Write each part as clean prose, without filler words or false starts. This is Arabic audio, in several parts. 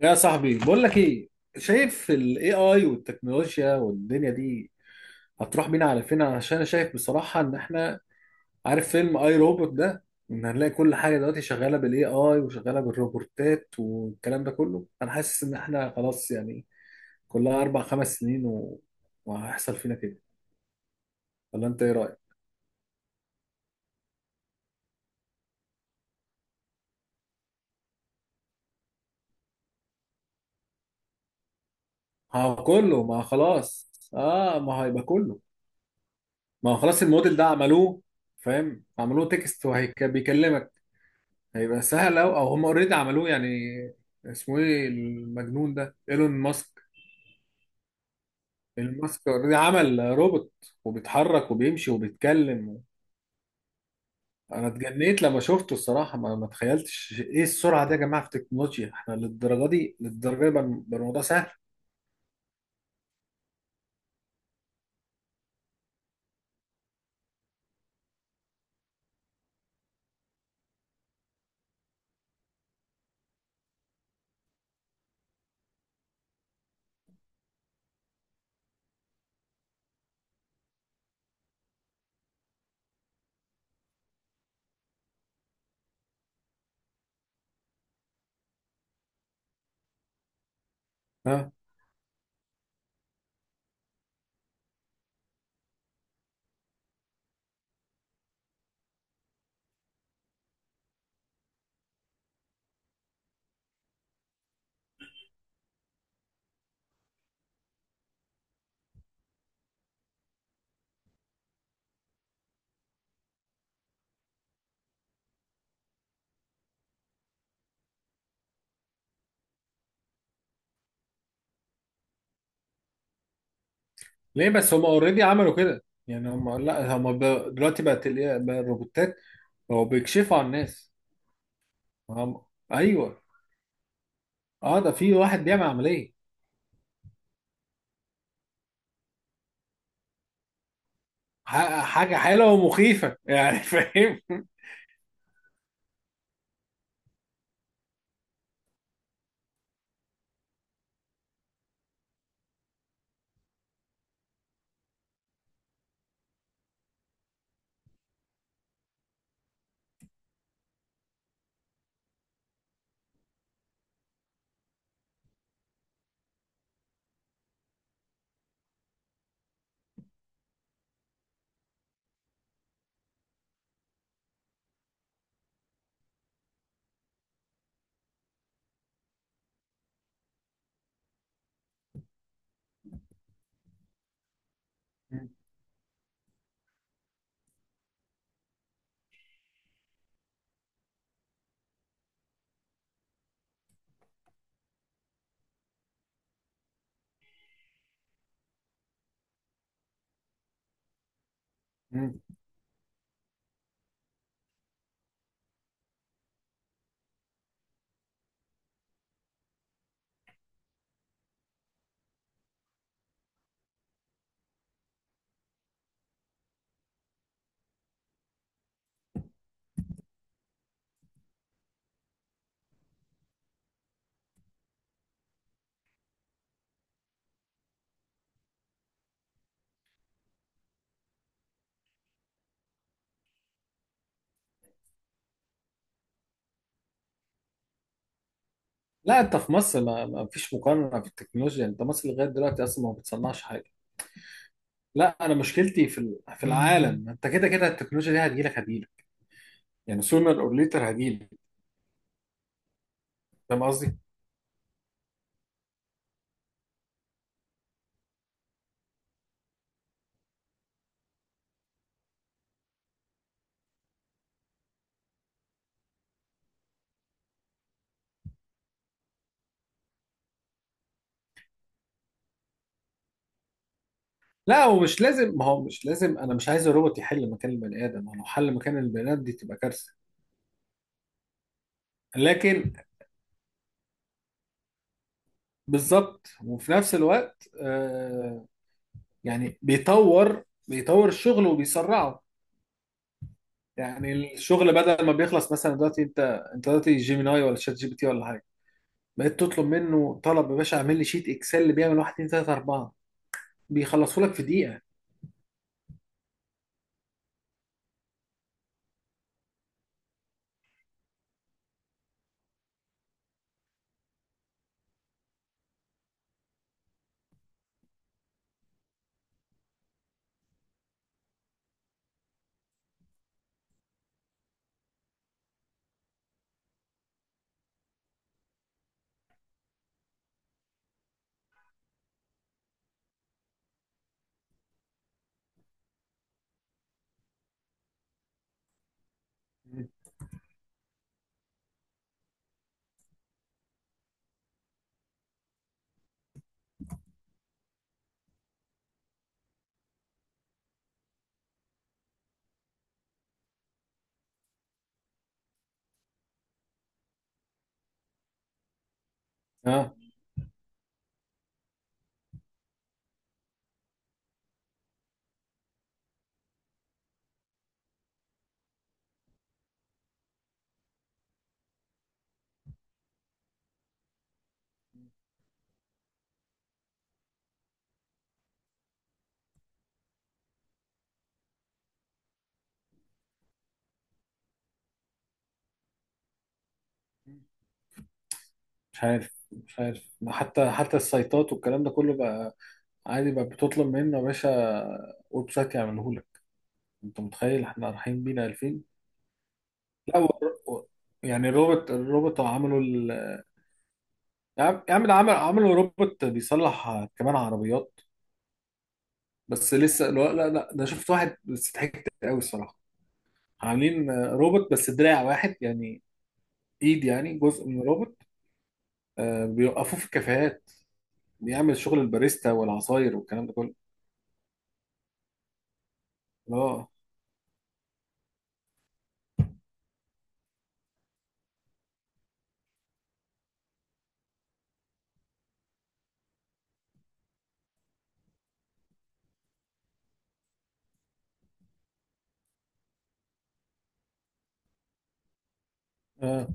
يا صاحبي، بقول لك ايه. شايف الاي اي والتكنولوجيا والدنيا دي هتروح بينا على فين؟ عشان انا شايف بصراحة ان احنا، عارف فيلم اي روبوت ده، ان هنلاقي كل حاجة دلوقتي شغالة بالاي اي وشغالة بالروبوتات والكلام ده كله. انا حاسس ان احنا خلاص يعني، كلها اربع خمس سنين وهيحصل فينا كده. ولا انت ايه رأيك؟ ما هو خلاص اه، ما هيبقى كله. ما هو خلاص الموديل ده عملوه. فاهم؟ عملوه تكست وهيكلمك. هيبقى سهل أوي، أو هم أوريدي عملوه يعني. اسمه إيه المجنون ده؟ إيلون ماسك. إيلون ماسك أوريدي عمل روبوت، وبيتحرك وبيمشي وبيتكلم. أنا اتجنيت لما شفته الصراحة، ما تخيلتش إيه السرعة دي يا جماعة في التكنولوجيا. إحنا للدرجة دي، للدرجة دي بقى الموضوع سهل. ها. ليه بس؟ هم أوريدي عملوا كده يعني. هم لا، دلوقتي بقى الروبوتات بقوا بيكشفوا عن الناس. هم. أيوه. أه، ده في واحد بيعمل عملية. حاجة حلوة ومخيفة يعني فاهم؟ مم. لا، انت في مصر ما فيش مقارنة في التكنولوجيا. انت مصر لغاية دلوقتي اصلا ما بتصنعش حاجة. لا، انا مشكلتي في العالم. انت كده كده التكنولوجيا دي هتجيلك. يعني sooner or later هتجيلك. فاهم قصدي؟ لا، ومش لازم. ما هو مش لازم، انا مش عايز الروبوت يحل مكان البني ادم. هو لو حل مكان البني ادم دي تبقى كارثة. لكن، بالظبط. وفي نفس الوقت آه، يعني بيطور الشغل وبيسرعه. يعني الشغل بدل ما بيخلص مثلا دلوقتي، انت دلوقتي جيميناي ولا شات جي بي تي ولا حاجه، بقيت تطلب منه طلب يا باشا اعمل لي شيت اكسل اللي بيعمل 1 2 3 4، بيخلصه لك في دقيقه. اه. مش عارف مش عارف. ما حتى السايتات والكلام ده كله بقى عادي بقى، بتطلب منه يا باشا ويب سايت يعمله لك. انت متخيل احنا رايحين بينا 2000؟ لا، و- يعني يا عم يا عم، ده عمل، عملوا روبوت بيصلح كمان عربيات. بس لسه، لا لا لا، ده شفت واحد بس ضحكت قوي الصراحه. عاملين آه، روبوت بس دراع واحد يعني، ايد يعني جزء من روبوت. آه، بيوقفوه في الكافيهات، بيعمل شغل الباريستا والعصاير والكلام ده كله. اه اه.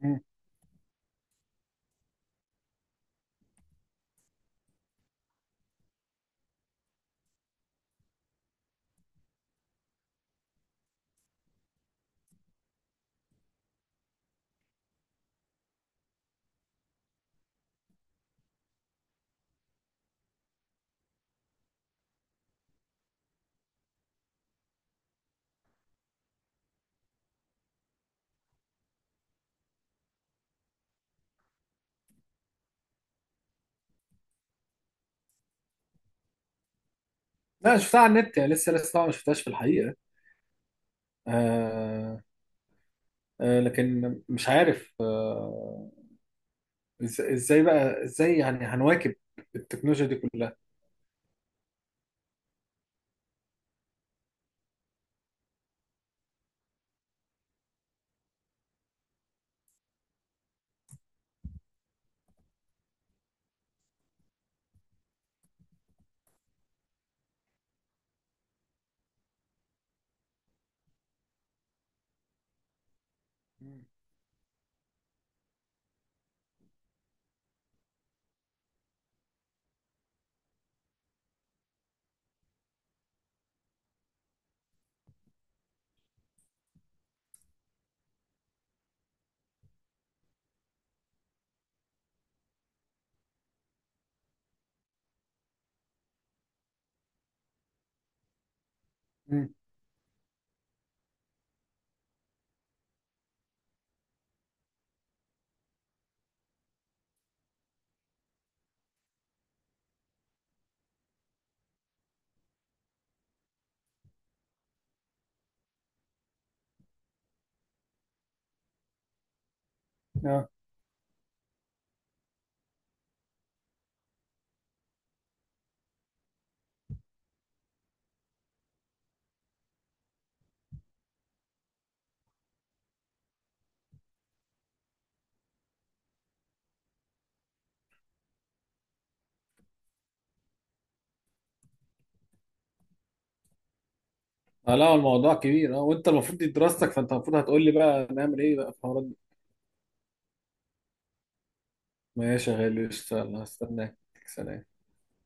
مم. لا، شفتها على النت يعني. لسه لسه طبعاً ما شفتهاش في الحقيقه. آه. آه لكن مش عارف آه. ازاي بقى ازاي يعني هنواكب التكنولوجيا دي كلها؟ مم. مم. اه. آه، لا الموضوع كبير اه. وانت المفروض دي دراستك، فانت المفروض هتقول لي بقى نعمل ايه بقى في الحوارات دي. ماشي يا غالي، اشتغل، هستناك. سلام.